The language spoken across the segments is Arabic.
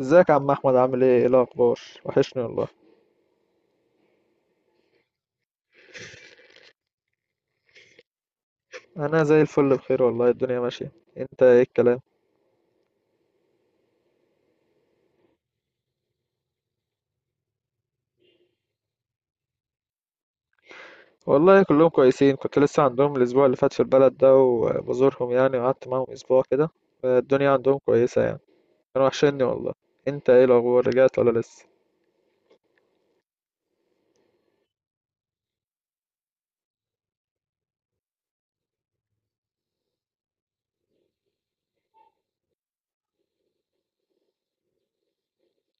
ازيك يا عم احمد؟ عامل ايه الاخبار؟ وحشني والله. انا زي الفل، بخير والله، الدنيا ماشيه. انت ايه الكلام؟ والله كلهم كويسين، كنت لسه عندهم الاسبوع اللي فات في البلد ده وبزورهم يعني، وقعدت معاهم اسبوع كده. الدنيا عندهم كويسه يعني، كانوا وحشني والله. انت ايه الاخبار؟ رجعت ولا لسه؟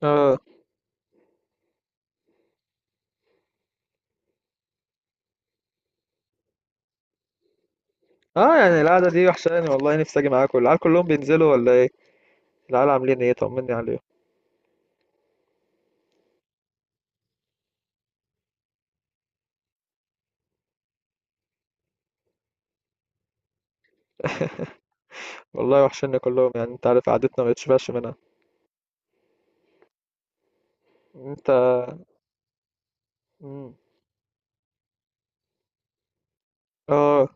اه اه، يعني القعده دي وحشاني والله، نفسي اجي معاكم. العيال كلهم بينزلوا ولا ايه؟ العيال عاملين ايه؟ طمني عليهم. والله وحشني كلهم، يعني انت عارف قعدتنا ما بتشبعش منها. انت. مم. اه،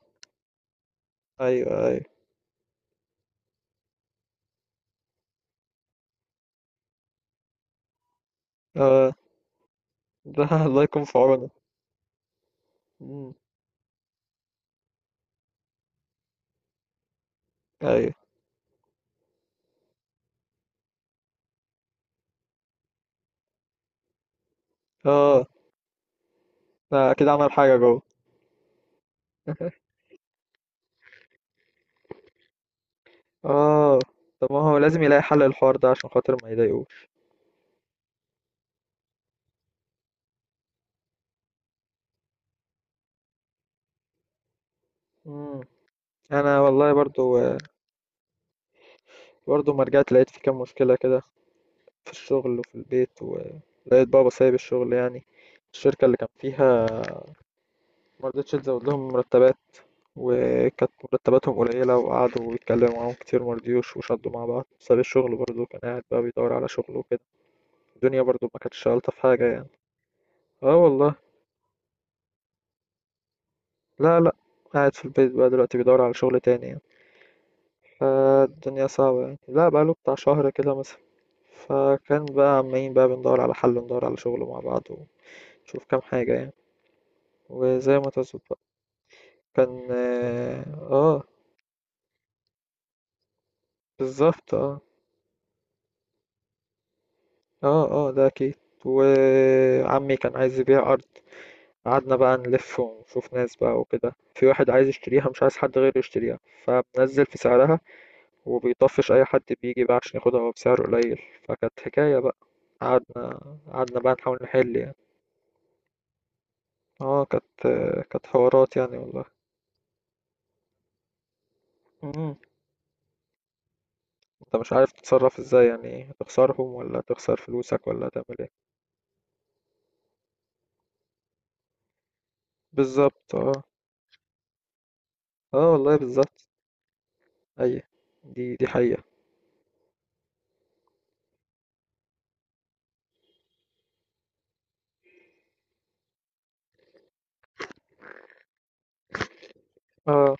ايوه ايوه. اه، ده الله يكون في عونه. مم. ايوه. اه، ده اكيد عمل حاجه جوه. اه، طب ما هو لازم يلاقي حل للحوار ده عشان خاطر ما يضايقوش. مم. انا والله برضو، برضو ما رجعت لقيت في كام مشكله كده، في الشغل وفي البيت. ولقيت بابا سايب الشغل يعني، الشركه اللي كان فيها ما رضتش تزود لهم مرتبات، وكانت مرتباتهم قليله وقعدوا يتكلموا معاهم كتير ما رضيوش وشدوا مع بعض، ساب الشغل. برضو كان قاعد بقى بيدور على شغل وكده، الدنيا برضو ما كانتش الطف حاجه يعني. اه والله. لا لا، قاعد في البيت بقى دلوقتي، بيدور على شغل تاني يعني. فالدنيا صعبة يعني، لا بقاله بتاع شهر كده مثلا. فكان بقى عمالين بقى بندور على حل وندور على شغل مع بعض، ونشوف كام حاجة يعني، وزي ما تظبط بقى. كان اه آه، بالظبط اه. اه، اه ده اكيد. وعمي كان عايز يبيع أرض. قعدنا بقى نلف ونشوف ناس بقى وكده، في واحد عايز يشتريها مش عايز حد غيره يشتريها، فبنزل في سعرها وبيطفش اي حد بيجي بقى عشان ياخدها هو بسعر قليل. فكانت حكايه بقى. قعدنا، قعدنا بقى نحاول نحل يعني. اه، كانت، كانت حوارات يعني والله. مم. انت مش عارف تتصرف ازاي يعني، تخسرهم ولا تخسر فلوسك ولا تعمل ايه؟ بالظبط اه. اه والله بالظبط. اي، دي حقيقة. اه،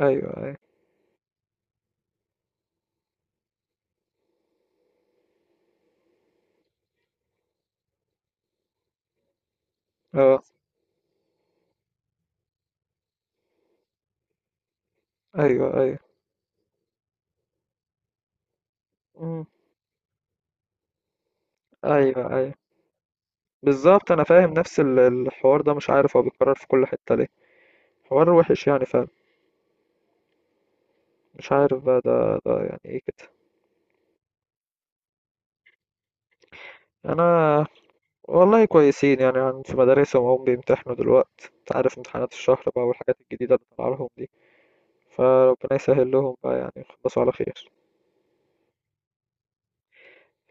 ايوه ايوه. اه، ايوه ايوه. مم. ايوه ايوه. بالظبط انا فاهم نفس الحوار ده، مش عارف هو بيتكرر في كل حتة ليه. حوار وحش يعني، فاهم؟ مش عارف بقى، ده يعني ايه كده. انا والله كويسين يعني، عن في مدارسهم وهم بيمتحنوا دلوقتي، انت عارف امتحانات الشهر بقى والحاجات الجديده اللي طالعه لهم دي، فربنا يسهل لهم بقى يعني يخلصوا على خير.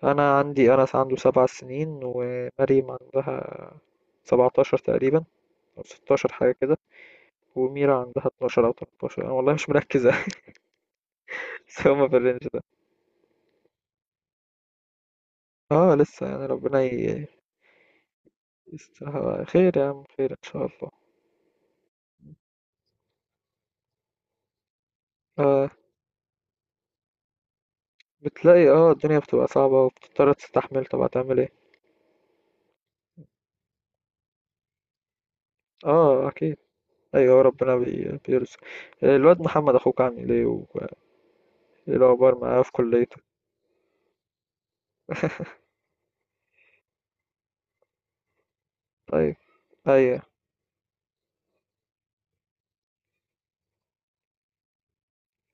انا عندي انس عنده 7 سنين، ومريم عندها 17 تقريبا او 16 حاجه كده، وميرا عندها 12 او 13، انا والله مش مركز بس هما في الرينج ده. اه لسه يعني، ربنا يسترها خير يا عم، خير ان شاء الله. آه. بتلاقي اه الدنيا بتبقى صعبه وبتضطر تستحمل، طب هتعمل ايه؟ اه اكيد. ايوه ربنا بيرزق. آه، الواد محمد اخوك عامل ايه ايه الاخبار معاه في كليته؟ طيب. ايوه.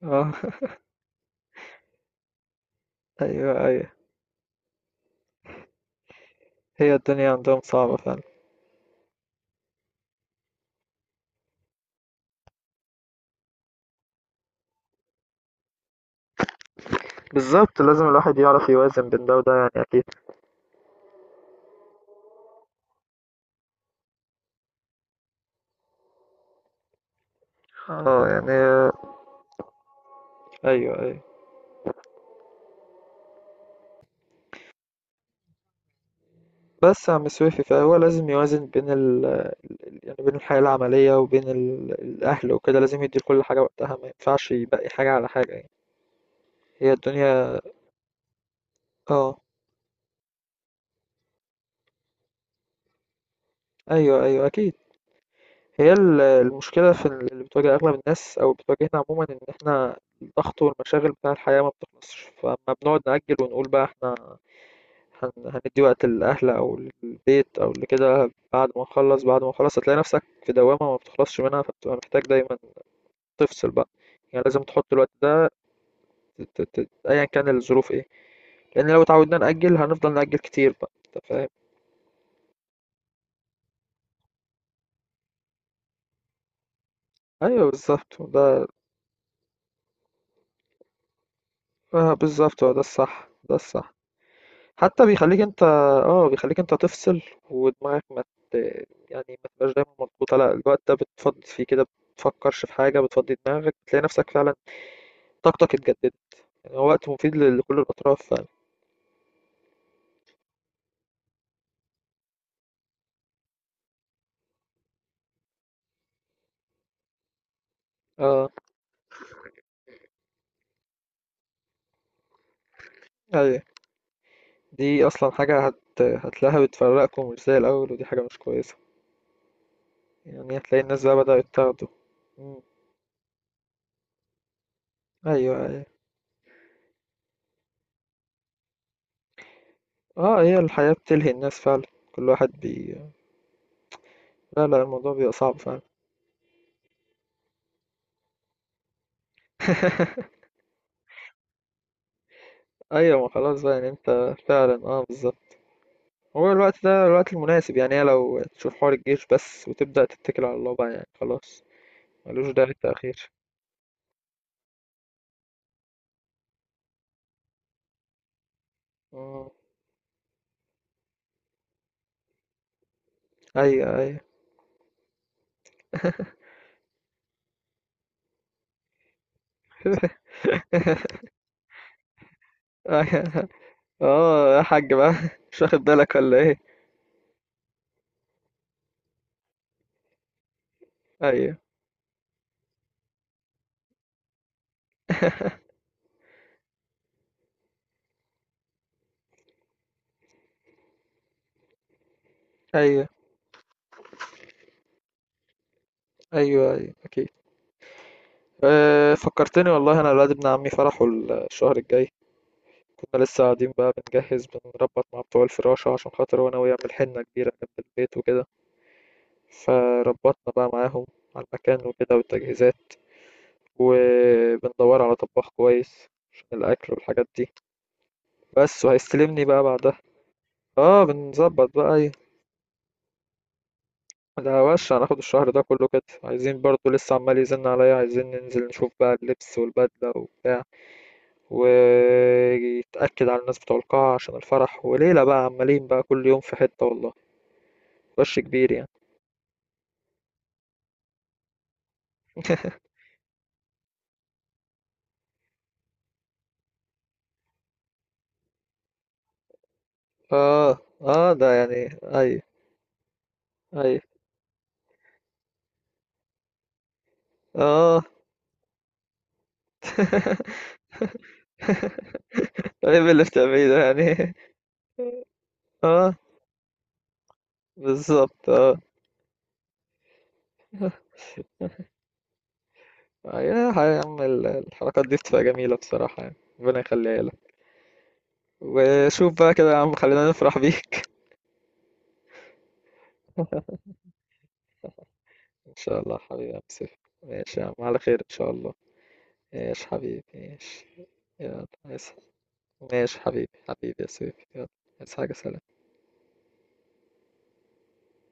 اه ايوه ايوه. هي الدنيا عندهم صعبة فعلا. بالظبط، لازم الواحد يعرف يوازن بين ده وده يعني اكيد. اه يعني. ايوه ايوه. بس يا عم سويفي، فهو لازم يوازن بين يعني بين الحياة العملية وبين الأهل وكده، لازم يدي لكل حاجة وقتها، ما ينفعش يبقي حاجة على حاجة يعني. هي الدنيا. اه، ايوه ايوه اكيد. هي المشكلة في اللي بتواجه أغلب الناس أو بتواجهنا عموما، إن إحنا الضغط والمشاغل بتاع الحياة ما بتخلصش، فما بنقعد نأجل ونقول بقى إحنا هندي وقت للأهل أو للبيت أو لكده بعد ما نخلص. بعد ما نخلص هتلاقي نفسك في دوامة ما بتخلصش منها، فبتبقى محتاج دايما تفصل بقى. يعني لازم تحط الوقت ده، أيا كان الظروف إيه، لأن لو اتعودنا نأجل هنفضل نأجل كتير بقى، أنت فاهم. أيوه بالظبط ده. آه بالظبط، هو ده الصح، ده الصح. حتى بيخليك انت. اه بيخليك انت تفصل، ودماغك ما ت... يعني ما تبقاش دايما مضغوطة، لا الوقت ده بتفضي فيه كده، بتفكرش في حاجة، بتفضي دماغك، بتلاقي نفسك فعلا طاقتك اتجددت، يعني هو وقت مفيد لكل الأطراف فعلا. اه ايوه. دي أصلا حاجة هتلاقيها بتفرقكم مش زي الأول، ودي حاجة مش كويسة، يعني هتلاقي الناس بقى بدأت تاخده. مم. أيوه أيوه. اه، هي الحياة بتلهي الناس فعلا، كل واحد بي. لا لا، الموضوع بيبقى صعب فعلا. ايوه، ما خلاص بقى، يعني انت فعلا اه بالظبط. هو الوقت ده الوقت المناسب يعني، هي لو تشوف حوار الجيش بس وتبدأ تتكل على الله بقى يعني خلاص، ملوش داعي التأخير. مم. أيوه أيوه. أيوه. اه يا حاج بقى، مش واخد بالك ولا ايه؟ أيوه أيوه. أيوه أيوه أكيد. أه فكرتني والله، أنا الواد ابن عمي فرحه الشهر الجاي، كنا لسه قاعدين بقى بنجهز، بنربط مع بتوع الفراشة عشان خاطر هو ناوي يعمل حنة كبيرة جنب البيت وكده. فربطنا بقى معاهم على المكان وكده والتجهيزات، وبندور على طباخ كويس عشان الأكل والحاجات دي بس، وهيستلمني بقى بعدها. اه بنظبط بقى ايه. ده وش، هناخد الشهر ده كله كده. عايزين برضو، لسه عمال يزن عليا عايزين ننزل نشوف بقى اللبس والبدلة وبتاع، ويتأكد على الناس بتوع القاعة عشان الفرح وليلة بقى، عمالين بقى كل يوم في حتة والله، وش كبير يعني. اه، اه ده يعني اي. اي اه. ايه اللي بتعمليه ده يعني. اه بالظبط اه. يا يا عم، الحركات دي بتبقى جميلة بصراحة يعني، ربنا يخليها لك. وشوف بقى كده يا عم، خلينا نفرح بيك. إن شاء الله حبيبي يا بسف. ماشي يا عم، على خير إن شاء الله. ماشي حبيبي، ماشي. يلا عايز. ماشي حبيبي، حبيبي يا سيف، يلا عايز حاجة؟ سلام.